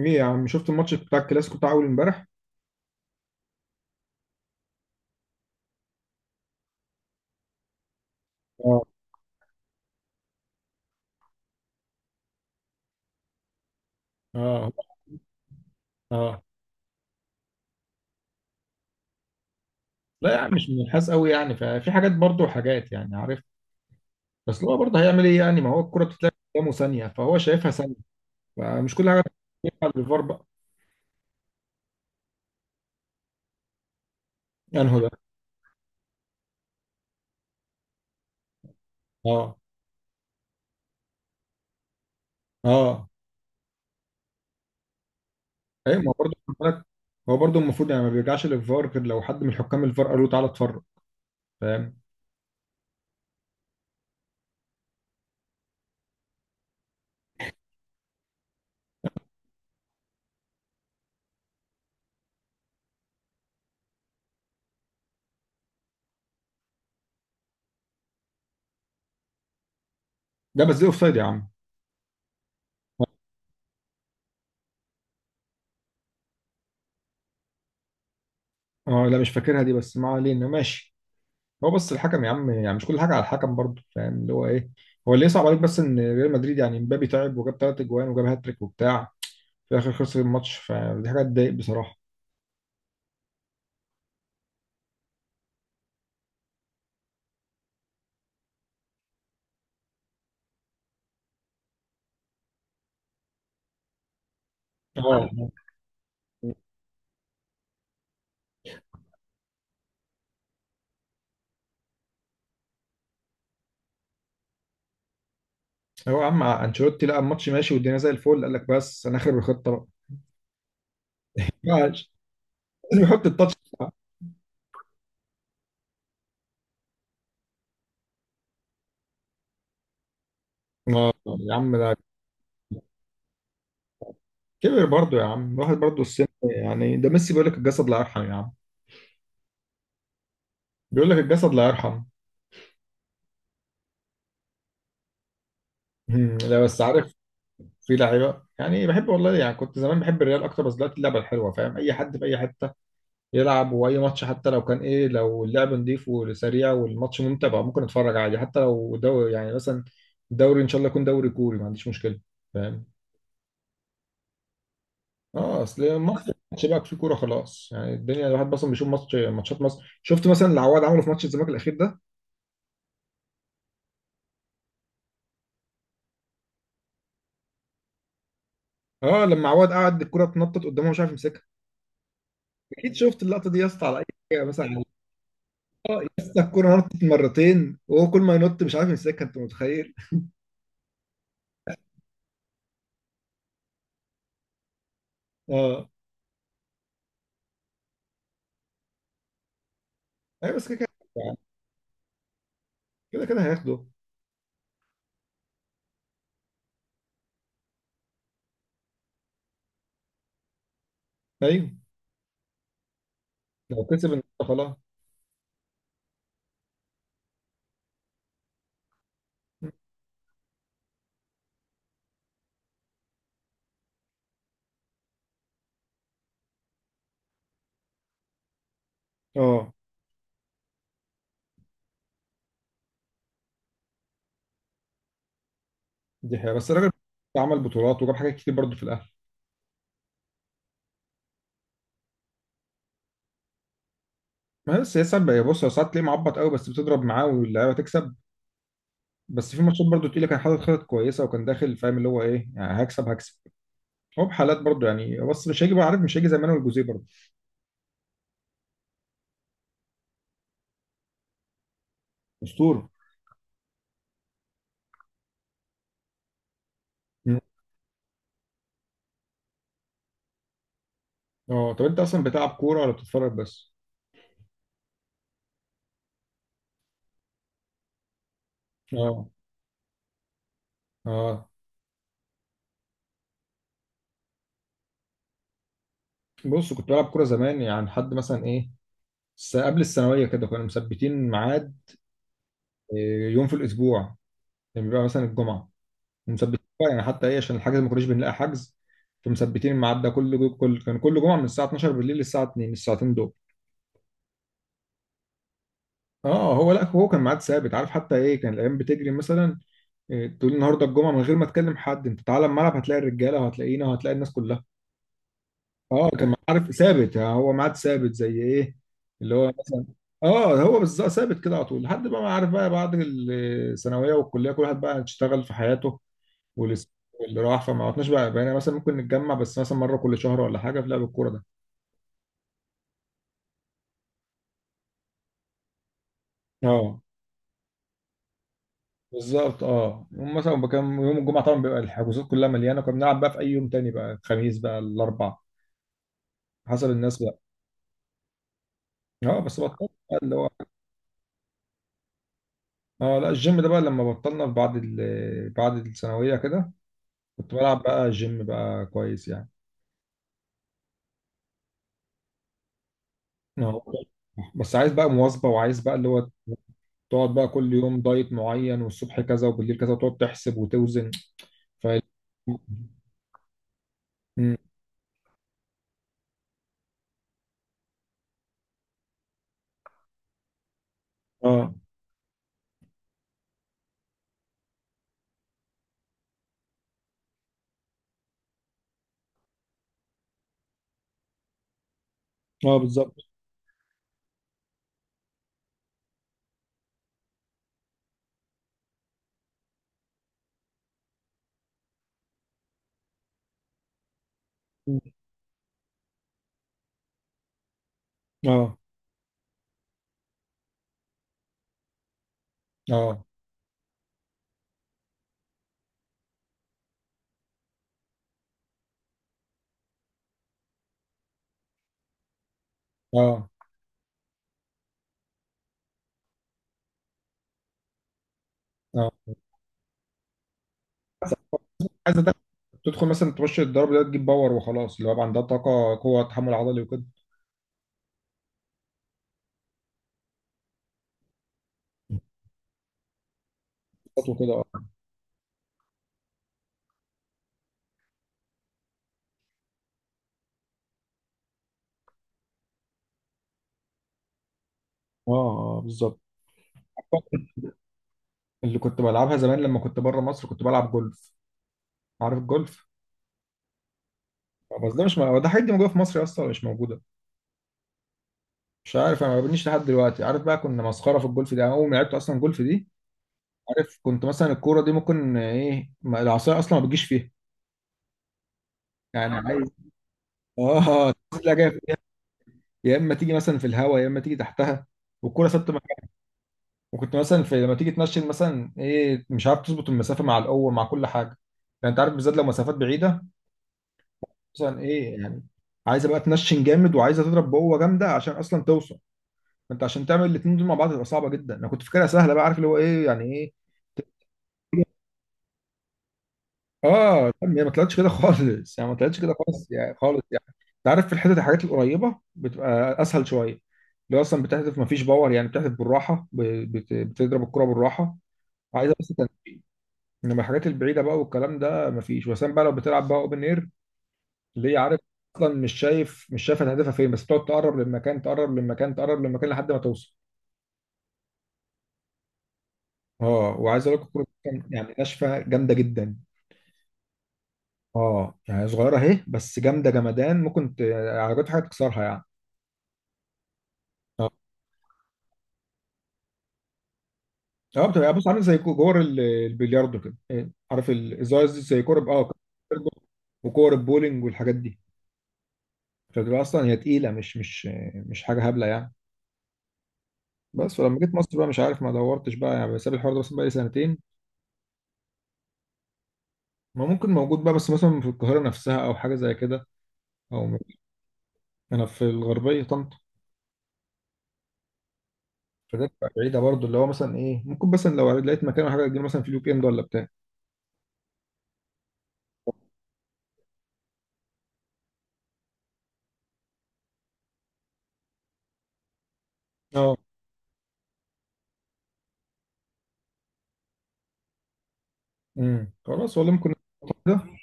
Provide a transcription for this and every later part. ايه يا عم، شفت الماتش بتاع الكلاسيكو بتاع اول امبارح؟ اه. اه. اه. لا يا عم، مش منحاز قوي يعني، ففي حاجات برضه وحاجات يعني عارف. بس هو برضه هيعمل ايه يعني؟ ما هو الكرة بتتلعب قدامه ثانية فهو شايفها ثانية. فمش كل حاجة بتتلعب بالفار بقى. يعني هو ده. اه. اه. ايوه، ما هو برضه خد بالك، هو برضه المفروض يعني ما بيرجعش للفار غير لو حد من حكام الفار قال له تعالى اتفرج. فاهم. ده بس دي اوفسايد يا عم. اه لا، مش فاكرها دي، بس ما علينا، ماشي. هو بس الحكم يا عم، يعني مش كل حاجه على الحكم برضه، فاهم اللي هو ايه. هو اللي يصعب عليك بس ان ريال مدريد يعني مبابي تعب وجاب ثلاث اجوان وجاب هاتريك وبتاع، في الاخر خسر الماتش، فدي حاجه تضايق بصراحه. اه. هو يا عم انشيلوتي لقى الماتش ماشي والدنيا زي الفل، قال لك بس انا اخر الخطه بقى. معلش. لازم يحط التاتش بتاعه. آه، يا عم، ده كبر برضه يا عم، الواحد برضه السن يعني، ده ميسي بيقول لك الجسد لا يرحم يا عم. بيقول لك الجسد لا يرحم. لا بس عارف، في لعيبه يعني بحب والله، يعني كنت زمان بحب الريال اكتر، بس دلوقتي اللعبه الحلوه فاهم، اي حد في اي حته يلعب، واي ماتش حتى لو كان ايه، لو اللعب نضيف وسريع والماتش ممتع بقى ممكن اتفرج عادي، حتى لو دوري يعني، مثلا دوري ان شاء الله يكون دوري كوري، ما عنديش مشكله. فاهم. اه اصل مصر ماتش بقى في كوره خلاص يعني، الدنيا الواحد اصلا بيشوف ماتش، ماتشات مصر شفت مثلا اللي عواد عمله في ماتش الزمالك الاخير ده؟ اه لما عواد قعد الكوره تنطط قدامه مش عارف يمسكها. اكيد شفت اللقطه دي يا اسطى، على اي حاجه مثلا. اه يا اسطى، الكوره نطت مرتين وهو كل ما ينط مش عارف يمسكها، انت متخيل؟ اه. ايوه بس كده كده. كده كده هياخده. ايوه لو كسب النهارده خلاص. اه دي حقيقة، بس الراجل عمل بطولات وجاب حاجات كتير برضه في الاهلي. ما هي بس هي ساعات بقى- بص هو ساعات تلاقيه معبط قوي بس بتضرب معاه واللعيبه تكسب. بس في ماتشات برضه تقيله كان حاطط خطط كويسه وكان داخل فاهم اللي هو ايه، يعني هكسب هكسب. هو بحالات برضه يعني، بس مش هيجي بقى عارف، مش هيجي زي مانويل جوزيه برضه. اسطوره. مم. اه طب انت اصلا بتلعب كوره ولا بتتفرج بس؟ اه. اه. بص كنت بلعب كوره زمان يعني لحد مثلا ايه، قبل الثانويه كده كنا مثبتين ميعاد، إيه، يوم في الاسبوع. يعني بيبقى مثلا الجمعه ومثبتين بقى يعني حتى ايه عشان الحجز، ما كناش بنلاقي حجز. فمثبتين الميعاد ده، كل جو- كل كان كل جمعه من الساعه 12 بالليل للساعه 2 الساعتين دول. اه هو لا، هو كان ميعاد ثابت عارف حتى ايه، كان الايام بتجري مثلا إيه، تقول النهارده الجمعه، من غير ما تكلم حد انت تعالى الملعب هتلاقي الرجاله وهتلاقينا وهتلاقي الناس كلها. اه كان عارف ثابت يعني، هو ميعاد ثابت زي ايه اللي هو مثلا. اه هو بالظبط، ثابت كده على طول لحد بقى ما عارف بقى، بعد الثانويه والكليه كل واحد بقى اشتغل في حياته، واللي واللي راح، فما عدناش بقى، بقينا مثلا ممكن نتجمع بس مثلا مره كل شهر ولا حاجه في لعب الكوره ده. اه بالظبط. اه يوم مثلا كان يوم الجمعه طبعا بيبقى الحجوزات كلها مليانه، كنا بنلعب بقى في اي يوم تاني بقى، الخميس بقى، الاربع، حسب الناس بقى. اه بس بطلت بقى اللي هو. اه لا الجيم ده بقى لما بطلنا بعد بعد الثانويه كده كنت بلعب بقى جيم بقى كويس يعني. أهو. بس عايز بقى مواظبه، وعايز بقى اللي هو تقعد بقى كل يوم دايت معين، والصبح كذا وبالليل كذا، وتقعد تحسب وتوزن. ف. مم. اه. اه بالظبط. مم. اه. اه. اه. اه بس عايز أدخل- تدخل مثلا تخش الضرب ده تجيب باور وخلاص، اللي هو يبقى عندها طاقه قوه تحمل عضلي وكده. وكده اه. اه آه، بالظبط. اللي كنت بلعبها زمان لما كنت بره مصر كنت بلعب جولف، عارف الجولف. بس ده مش هو ده حاجات دي موجوده في مصر اصلا ولا مش موجوده؟ مش عارف انا ما ببنيش لحد دلوقتي عارف بقى، كنا مسخره في الجولف دي، أنا اول ما لعبت اصلا جولف دي. عارف كنت مثلا الكوره دي ممكن ايه، العصايه اصلا ما بتجيش فيها. يعني عايز. اه لا جايه فيها، يا اما تيجي مثلا في الهواء يا اما تيجي تحتها، والكوره ثابته مكانها. وكنت مثلا في لما تيجي تنشن مثلا ايه، مش عارف تظبط المسافه مع القوه مع كل حاجه، يعني انت عارف، بالذات لو مسافات بعيده. مثلا ايه يعني عايزه بقى تنشن جامد وعايزه تضرب بقوه جامده عشان اصلا توصل. انت عشان تعمل الاثنين دول مع بعض تبقى صعبه جدا، انا كنت فاكرها سهله بقى، عارف اللي هو ايه يعني ايه. اه طب هي ما طلعتش كده خالص يعني، ما طلعتش كده خالص يعني، خالص يعني. انت عارف في الحتت الحاجات القريبه بتبقى اسهل شويه اللي هو اصلا بتحذف ما فيش باور يعني، بتحذف بالراحه، بتضرب الكره بالراحه. عايزه بس تنفيذ. انما الحاجات البعيده بقى والكلام ده ما فيش وسام بقى لو بتلعب بقى اوبن اير اللي هي عارف، اصلا مش شايف، مش شايف هتهدفها فين، بس بتقعد تقرب للمكان، تقرب للمكان، تقرب للمكان لحد ما توصل. اه وعايز اقول لك الكوره دي كان- يعني ناشفه جامده جدا. اه يعني صغيره اهي بس جامده جمدان، ممكن عربيات حاجه تكسرها يعني. اه. اه بتبقى، بص، عامل زي كور البلياردو كده إيه، عارف الازاز دي زي كور ب- اه كور- وكور البولينج والحاجات دي. فبتبقى اصلا هي تقيله، مش حاجه هبله يعني. بس ولما جيت مصر بقى مش عارف ما دورتش بقى يعني، بسيب الحوار ده مثلا بقى لي سنتين. ما ممكن موجود بقى بس مثلا في القاهره نفسها او حاجه زي كده، او انا في الغربيه طنطا. فده بتبقى بعيده برضو اللي هو مثلا ايه، ممكن مثلا لو لقيت مكان ولا حاجه اجيب مثلا في الويك اند ولا بتاع. اه خلاص والله ممكن. أظبطها كده.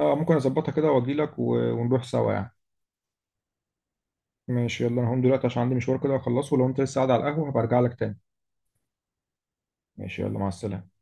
اه ممكن اظبطها كده واجي لك ونروح سوا يعني. ماشي يلا انا هقوم دلوقتي عشان عندي مشوار كده اخلصه، لو انت لسه قاعد على القهوة هبقى ارجع لك تاني. ماشي يلا مع السلامة.